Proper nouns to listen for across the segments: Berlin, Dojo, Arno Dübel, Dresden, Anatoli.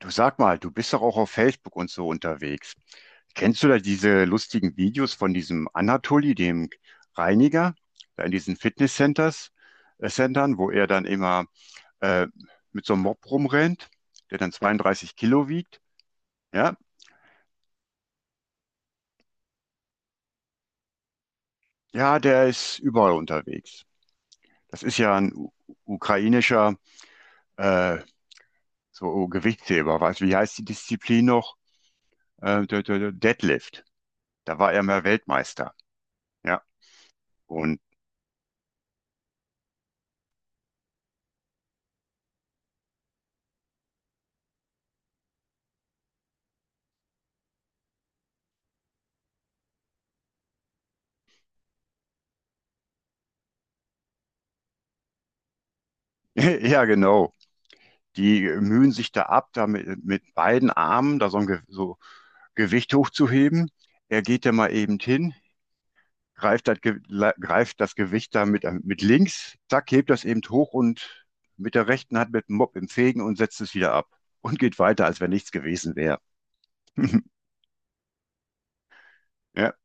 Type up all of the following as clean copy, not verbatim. Du, sag mal, du bist doch auch auf Facebook und so unterwegs. Kennst du da diese lustigen Videos von diesem Anatoli, dem Reiniger, da in diesen Centern, wo er dann immer äh, mit so einem Mob rumrennt, der dann 32 Kilo wiegt? Ja, ja, der ist überall unterwegs. Das ist ja ein ukrainischer äh, so Gewichtsheber. Was, wie heißt die Disziplin noch? Der Deadlift. Da war er mal Weltmeister. Ja, und ja, genau. Die mühen sich da ab, da mit beiden Armen da so ein Ge so Gewicht hochzuheben. Er geht da mal eben hin, greift das, Ge greift das Gewicht da mit links, zack, hebt das eben hoch und mit der rechten Hand mit dem Mob im Fegen und setzt es wieder ab und geht weiter, als wenn nichts gewesen wäre. Ja,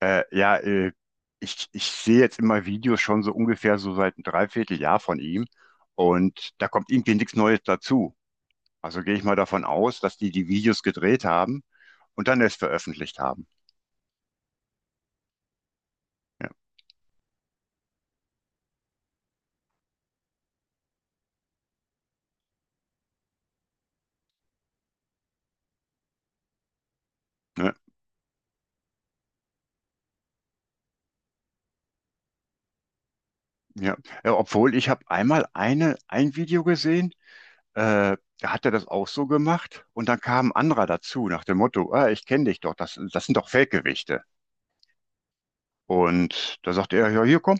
äh, ja äh, ich sehe jetzt immer Videos schon so ungefähr so seit einem Dreivierteljahr von ihm, und da kommt irgendwie nichts Neues dazu. Also gehe ich mal davon aus, dass die die Videos gedreht haben und dann erst veröffentlicht haben. Ja, ne, ja. Ja, obwohl, ich habe einmal ein Video gesehen, da hat er das auch so gemacht und dann kam ein anderer dazu nach dem Motto: ah, ich kenne dich doch, das sind doch Fake-Gewichte. Und da sagt er: ja, hier komm,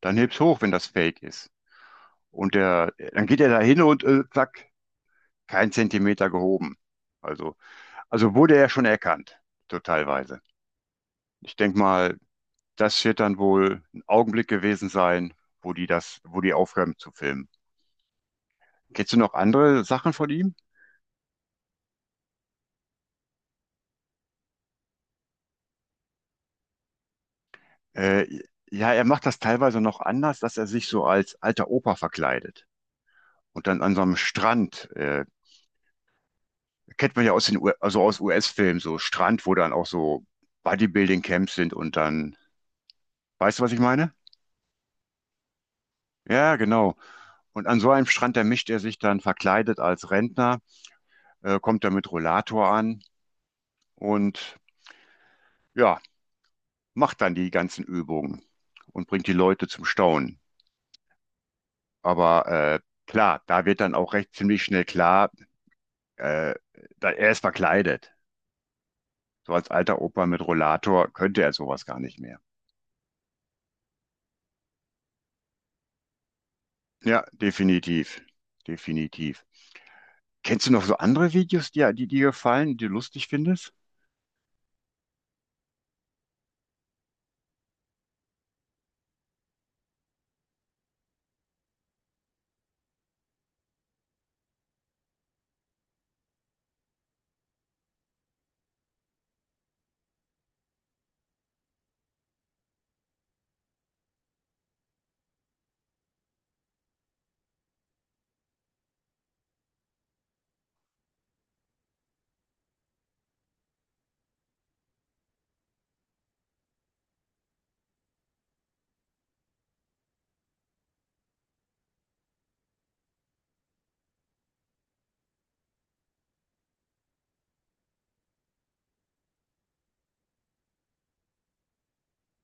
dann heb's hoch, wenn das Fake ist. Dann geht er da hin und zack, kein Zentimeter gehoben. Also, also wurde er schon erkannt, so teilweise. Ich denke mal, das wird dann wohl ein Augenblick gewesen sein, wo wo die aufhören zu filmen. Kennst du noch andere Sachen von ihm? Äh, ja, er macht das teilweise noch anders, dass er sich so als alter Opa verkleidet. Und dann an so einem Strand, kennt man ja aus den U also aus US-Filmen, so Strand, wo dann auch so Bodybuilding-Camps sind und dann, weißt du, was ich meine? Ja, genau. Und an so einem Strand, da mischt er sich dann verkleidet als Rentner, kommt dann mit Rollator an und ja, macht dann die ganzen Übungen und bringt die Leute zum Staunen. Aber äh, klar, da wird dann auch recht ziemlich schnell klar, äh, er ist verkleidet. So als alter Opa mit Rollator könnte er sowas gar nicht mehr. Ja, definitiv. Definitiv. Kennst du noch so andere Videos, die dir gefallen, die du lustig findest?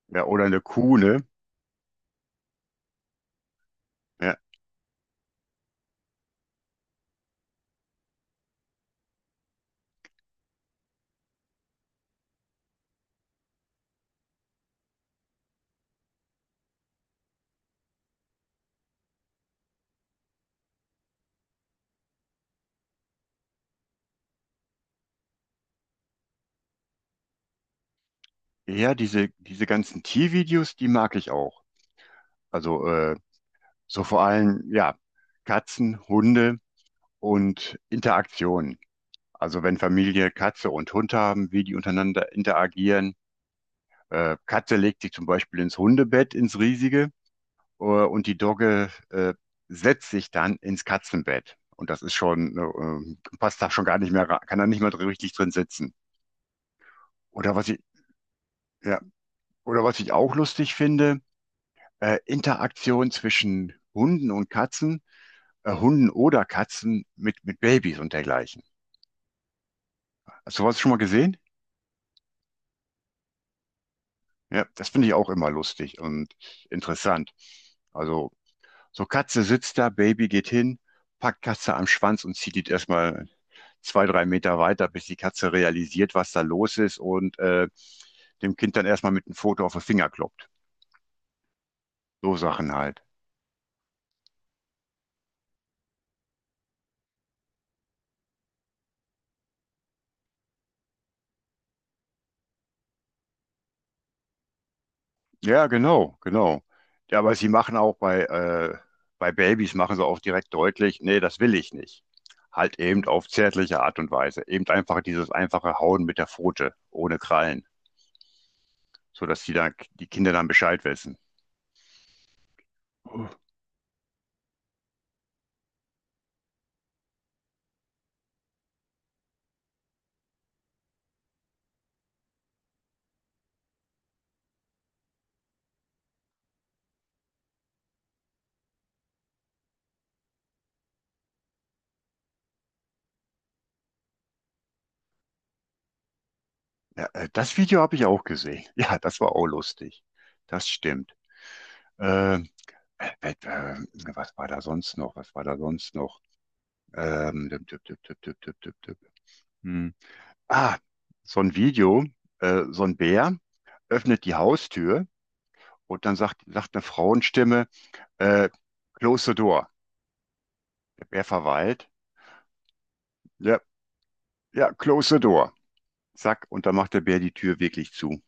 Ja, oder eine Kuh, ne? Ja, ja, diese ganzen Tiervideos, die mag ich auch. Also so vor allem, ja, Katzen, Hunde und Interaktionen. Also wenn Familie Katze und Hund haben, wie die untereinander interagieren. Katze legt sich zum Beispiel ins Hundebett, ins riesige, und die Dogge setzt sich dann ins Katzenbett. Und das ist schon, passt da schon gar nicht mehr, kann da nicht mehr richtig drin sitzen. Oder was ich, ja, oder was ich auch lustig finde, Interaktion zwischen Hunden und Katzen, Hunden oder Katzen mit Babys und dergleichen. Hast du was schon mal gesehen? Ja, das finde ich auch immer lustig und interessant. Also, so, Katze sitzt da, Baby geht hin, packt Katze am Schwanz und zieht die erstmal zwei, drei Meter weiter, bis die Katze realisiert, was da los ist, und dem Kind dann erstmal mit einem Foto auf den Finger kloppt. So Sachen halt. Ja, genau, genau. Ja, aber sie machen auch bei Babys, machen sie auch direkt deutlich, nee, das will ich nicht. Halt eben auf zärtliche Art und Weise. Eben einfach dieses einfache Hauen mit der Pfote, ohne Krallen, sodass die Kinder dann Bescheid wissen. Ja, das Video habe ich auch gesehen. Ja, das war auch lustig. Das stimmt. Ähm, äh, äh, äh, was war da sonst noch? Was war da sonst noch? Düpp, düpp, düpp, düpp, düpp, düpp, düpp, düpp. Hm. Ah, so ein Video, so ein Bär öffnet die Haustür und dann sagt eine Frauenstimme, äh, Close the door. Der Bär verweilt. Ja, ja, close the door. Zack, und dann macht der Bär die Tür wirklich zu.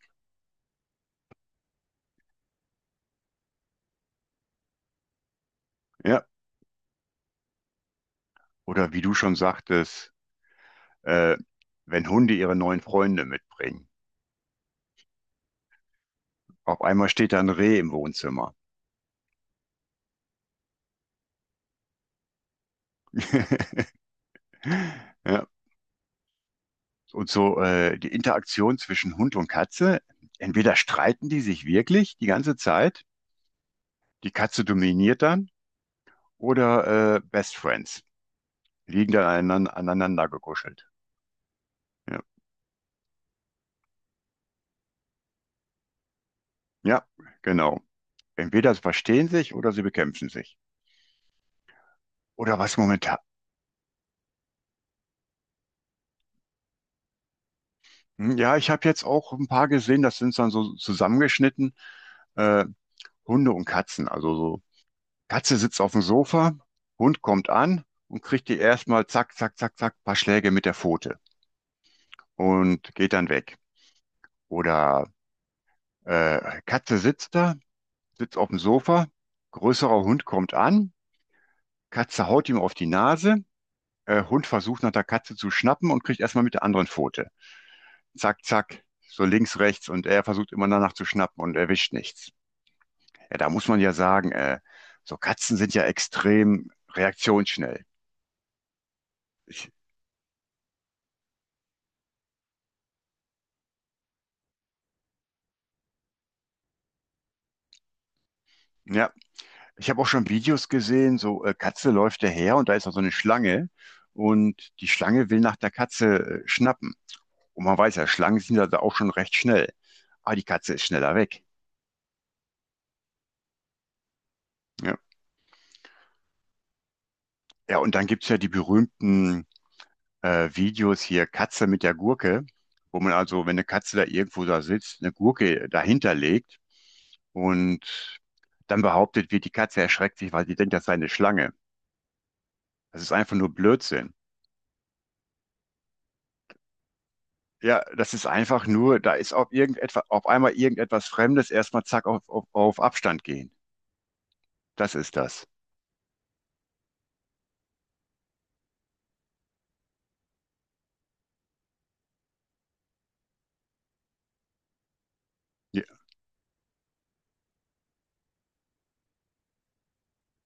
Ja, oder wie du schon sagtest, äh, wenn Hunde ihre neuen Freunde mitbringen. Auf einmal steht da ein Reh im Wohnzimmer. Ja, und so die Interaktion zwischen Hund und Katze, entweder streiten die sich wirklich die ganze Zeit, die Katze dominiert dann, oder Best Friends liegen dann aneinander, aneinander gekuschelt. Ja. Ja, genau. Entweder sie verstehen sich oder sie bekämpfen sich. Oder was momentan. Hm, ja, ich habe jetzt auch ein paar gesehen, das sind dann so zusammengeschnitten, äh, Hunde und Katzen, also so, Katze sitzt auf dem Sofa, Hund kommt an und kriegt die erstmal zack, zack, zack, zack, paar Schläge mit der Pfote und geht dann weg. Oder Katze sitzt da, sitzt auf dem Sofa, größerer Hund kommt an, Katze haut ihm auf die Nase, Hund versucht nach der Katze zu schnappen und kriegt erstmal mit der anderen Pfote. Zack, zack, so links, rechts, und er versucht immer danach zu schnappen und erwischt nichts. Ja, da muss man ja sagen, so Katzen sind ja extrem reaktionsschnell. Ich, ja, Ich habe auch schon Videos gesehen, so Katze läuft daher und da ist noch so eine Schlange und die Schlange will nach der Katze schnappen. Und man weiß ja, Schlangen sind ja da auch schon recht schnell. Ah, die Katze ist schneller weg. Ja, ja, und dann gibt's ja die berühmten Videos hier, Katze mit der Gurke, wo man also, wenn eine Katze da irgendwo da sitzt, eine Gurke dahinter legt und dann behauptet wird, die Katze erschreckt sich, weil sie denkt, das sei eine Schlange. Das ist einfach nur Blödsinn. Ja, das ist einfach nur, da ist auf irgendetwas, auf einmal irgendetwas Fremdes, erstmal zack auf Abstand gehen. Das ist das.